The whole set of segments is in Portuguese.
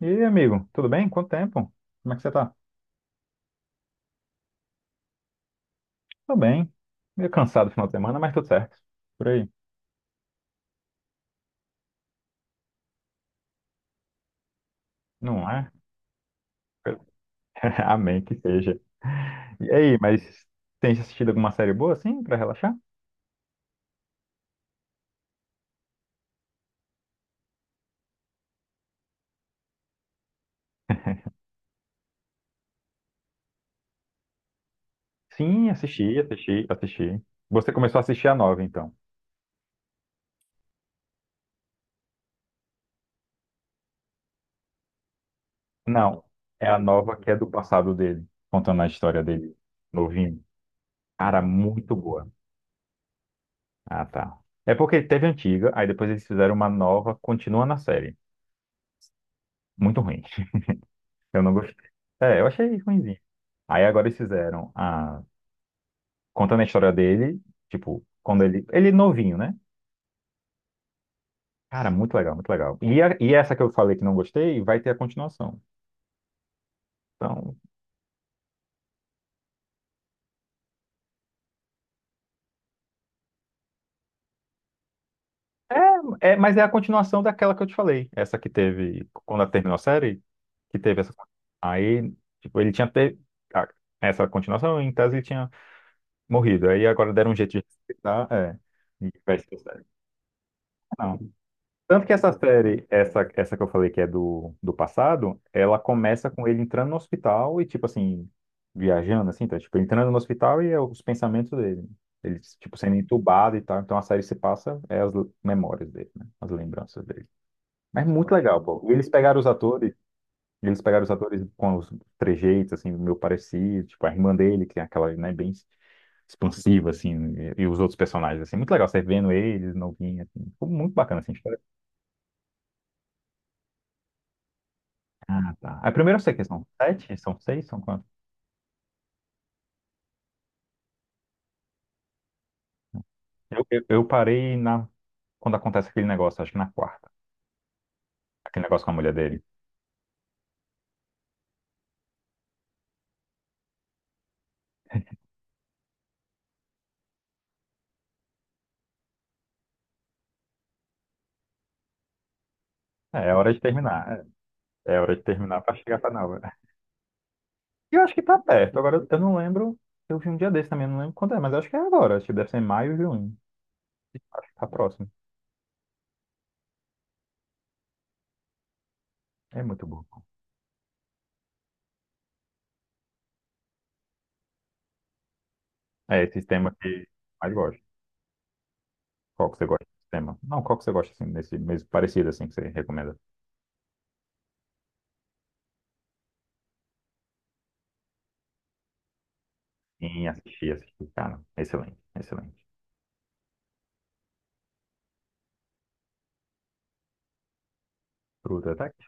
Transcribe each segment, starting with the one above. E aí, amigo, tudo bem? Quanto tempo? Como é que você tá? Tô bem. Meio cansado no final de semana, mas tudo certo. Por aí. Não é? Amém que seja. E aí, mas tem assistido alguma série boa, assim, pra relaxar? Sim, assisti, assisti, assisti. Você começou a assistir a nova, então? Não, é a nova que é do passado dele, contando a história dele, novinho. Cara, muito boa. Ah, tá. É porque teve a antiga, aí depois eles fizeram uma nova, continua na série. Muito ruim. Eu não gostei. É, eu achei ruimzinho. Aí agora eles fizeram a... Contando a história dele, tipo, quando ele... Ele é novinho, né? Cara, muito legal, muito legal. E, e essa que eu falei que não gostei, vai ter a continuação. Então, mas é a continuação daquela que eu te falei. Essa que teve, quando ela terminou a série, que teve essa... Aí, tipo, ele tinha ter... a- Essa continuação, em tese, ele tinha morrido. Aí agora deram um jeito de respeitar, é. E vai ser sério. Tanto que essa série, essa que eu falei que é do passado, ela começa com ele entrando no hospital e, tipo assim, viajando, assim, tá? Tipo, entrando no hospital e é os pensamentos dele. Ele, tipo, sendo entubado e tal. Então a série se passa, é as memórias dele, né? As lembranças dele. Mas muito legal, pô. Eles pegaram os atores, eles pegaram os atores com os trejeitos, assim, meio parecido. Tipo, a irmã dele, que é aquela, né, bem expansiva, assim, e os outros personagens, assim. Muito legal, você vendo eles, novinha assim. Ficou muito bacana, assim. Ah, tá. A primeira eu sei que são sete, são seis, são quantos? Eu parei na, quando acontece aquele negócio, acho que na quarta. Aquele negócio com a mulher dele. É, é hora de terminar. É, é hora de terminar pra chegar pra nova. E eu acho que tá perto. Agora, eu não lembro. Eu vi um dia desse também, eu não lembro quando é, mas eu acho que é agora. Acho que deve ser em maio e junho. Acho que tá próximo. É muito bom. É esse tema que eu mais gosto. Qual que você gosta desse tema? Não, qual que você gosta, assim, desse mesmo parecido, assim, que você recomenda? Em assistir. Cara, excelente, excelente. Fruta, tá aqui.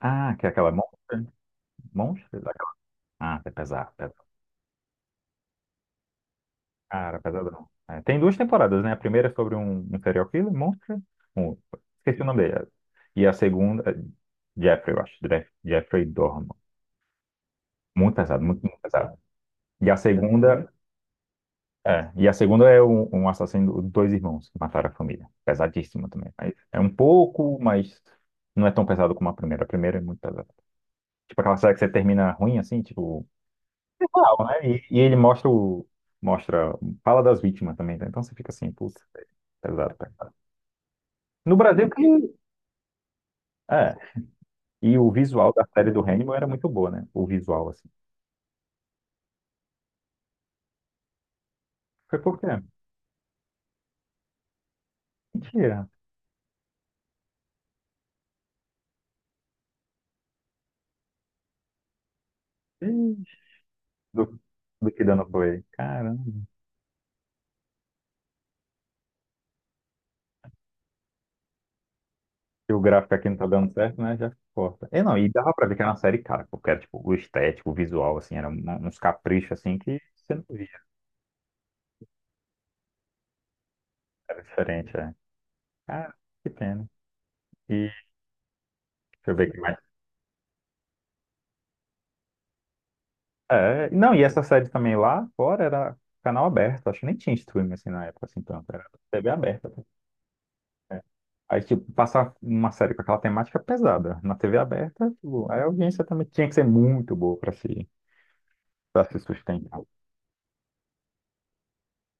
Ah, que é aquela Monster? Monster? Aquela... Ah, é pesado, pesado. Cara, pesadão. É, tem duas temporadas, né? A primeira é sobre um serial killer, Monster. Um, esqueci o nome dele. E a segunda, é Jeffrey, eu acho. Jeffrey Dorman. Muito pesado, muito, muito pesado. E a segunda, e a segunda é um assassino, dois irmãos que mataram a família. Pesadíssima também. Mas é um pouco, mas não é tão pesado como a primeira. A primeira é muito pesada. Tipo aquela série que você termina ruim, assim, tipo real, né? E ele mostra o. Mostra. Fala das vítimas também, tá? Então você fica assim, putz, pesado, pesado. No Brasil que. É. E o visual da série do Hannibal era muito boa, né? O visual, assim. Foi pouco tempo. Mentira. Ixi, Do, do que dando play. Caramba. Se o gráfico aqui não tá dando certo, né? Já corta. E não, e dava pra ver que era uma série cara, porque era tipo, o estético, o visual, assim, eram uns caprichos assim que você não via, era diferente, é. Cara, que pena. E deixa eu ver o. É, não, e essa série também lá fora era canal aberto, acho que nem tinha streaming assim na época, assim, tanto, era TV aberta, assim. É. Aí, tipo, passar uma série com aquela temática pesada na TV aberta, tipo, aí a audiência também tinha que ser muito boa para se sustentar.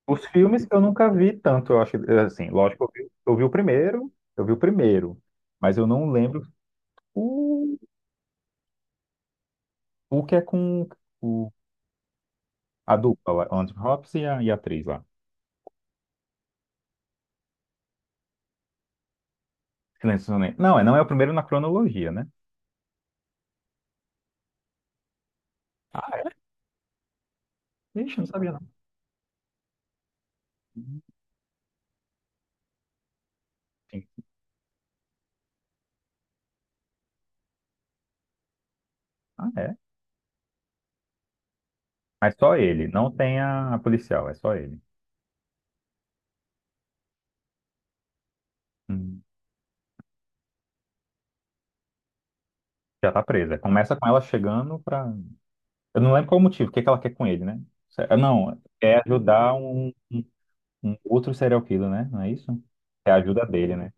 Os filmes eu nunca vi tanto, eu acho, assim, lógico, eu vi, eu vi o primeiro, mas eu não lembro o, o que é com o, a dupla lá, Anthony Hopkins e a atriz lá. Silêncio dos Inocentes. Não, é, não é o primeiro na cronologia, né? Ixi, não sabia não. Sim. Ah, é? Mas só ele, não tem a policial, é só ele. Hum. Já tá presa. Começa com ela chegando pra. Eu não lembro qual o motivo, o que que ela quer com ele, né? Não, é ajudar um, um outro serial killer, né? Não é isso? É a ajuda dele, né?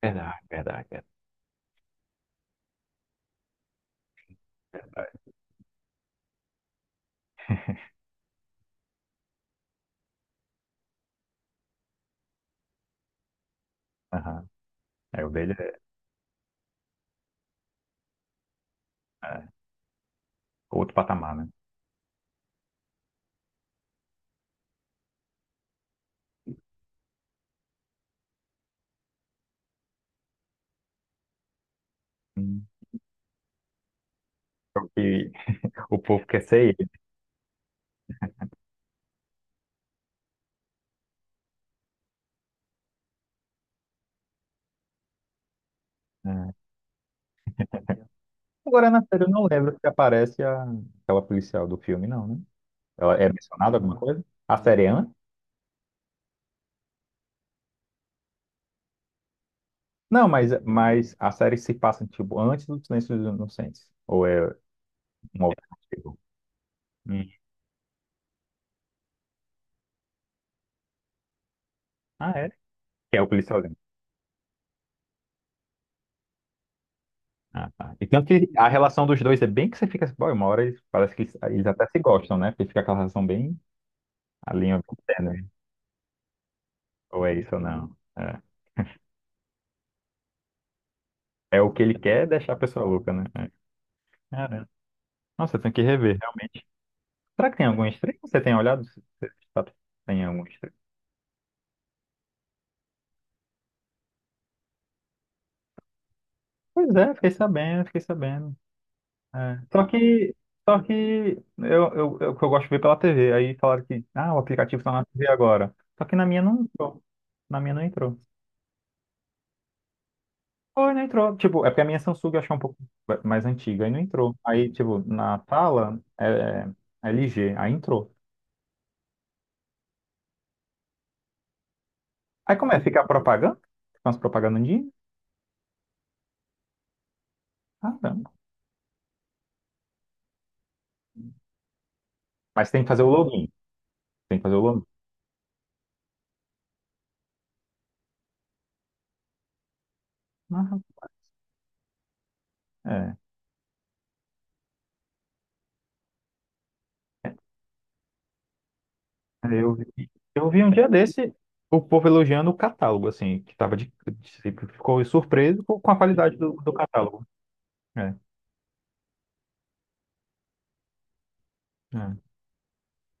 Verdade, verdade, verdade. Aham. É, o dele é, é outro patamar, né? Hum. E o povo quer ser ele. É. Agora na série eu não lembro se aparece a... aquela policial do filme, não, né? Ela é mencionada alguma coisa? A série é antes? Não, mas a série se passa, tipo, antes do Silêncio dos Inocentes. Ou é um alternativo? Hum. Ah, é? Que é o policialzinho. Ah, tá. E tanto que a relação dos dois é bem que você fica assim, pô, uma hora eles, parece que eles até se gostam, né? Porque fica aquela relação bem, a linha bem tênue. Ou é isso ou não. É. É o que ele quer, é deixar a pessoa louca, né? É. Caramba. Nossa, eu tenho que rever, realmente. Será que tem algum stream? Você tem olhado? Você sabe se tem algum stream? Pois é, fiquei sabendo, fiquei sabendo. É, só que eu que eu gosto de ver pela TV. Aí falaram que, ah, o aplicativo tá na TV agora. Só que na minha não entrou. Na minha não entrou. Foi, não entrou. Tipo, é porque a minha Samsung eu achei um pouco mais antiga. Aí não entrou. Aí, tipo, na tala é LG. Aí entrou. Aí como é? Fica a propaganda? Fica umas propagandas de... Caramba. Mas tem que fazer o login. Tem que fazer o login. Ah, é. É, Eu vi, eu vi um dia desse o povo elogiando o catálogo, assim, que tava de- ficou surpreso com a qualidade do catálogo. É, é.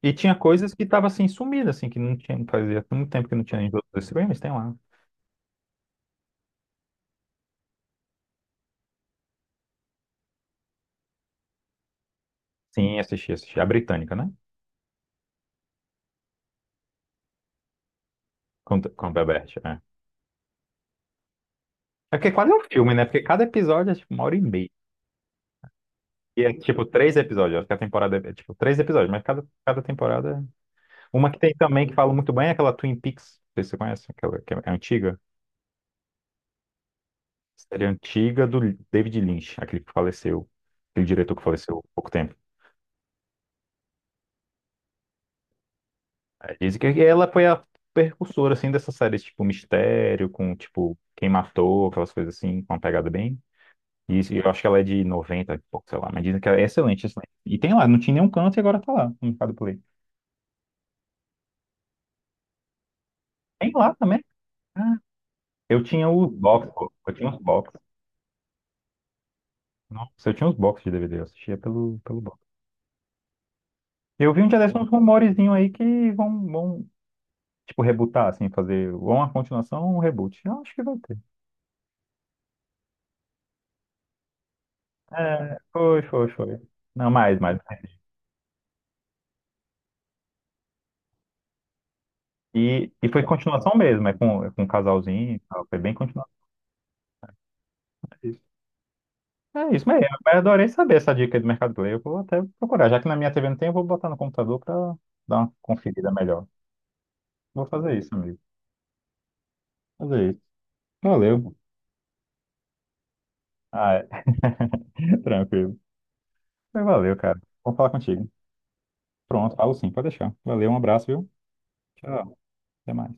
E tinha coisas que tava assim sumida assim, que não tinha, fazia muito tempo que não tinha em outros streams, tem lá. Sim, assisti. A britânica, né? Com a Bebert, é. É porque quase é um filme, né? Porque cada episódio é tipo uma hora e meia. E é tipo três episódios, acho que a temporada é tipo três episódios, mas cada, cada temporada. é... Uma que tem também que fala muito bem é aquela Twin Peaks, não sei se você conhece, aquela que é antiga. Série antiga do David Lynch, aquele que faleceu, aquele diretor que faleceu há pouco tempo. É, dizem que ela foi a precursora, assim, dessa série, tipo, mistério, com, tipo, quem matou, aquelas coisas assim, com uma pegada bem... Eu acho que ela é de 90, e pouco, sei lá, mas dizem que ela é excelente, excelente. E tem lá, não tinha nenhum canto e agora tá lá, no Mercado Play. Tem lá também. Ah, eu tinha os box, pô. Eu tinha os box. Nossa, eu tinha os box de DVD, eu assistia pelo, pelo box. Eu vi um dia desses uns rumorezinhos aí que vão, vão. Tipo, rebootar, assim, fazer ou uma continuação ou um reboot. Eu acho que vai ter. É, foi, foi, foi. Não, mais, mais. E foi continuação mesmo, é com um casalzinho e tal. Foi bem continuação. É isso. É isso, mas adorei saber essa dica aí do Mercado Play. Eu vou até procurar. Já que na minha TV não tem, eu vou botar no computador pra dar uma conferida melhor. Vou fazer isso, amigo. Fazer isso. Valeu. Ah, é. Tranquilo. Mas Valeu, cara. Vou falar contigo. Pronto, falo sim, pode deixar. Valeu, um abraço, viu? Tchau. Até mais.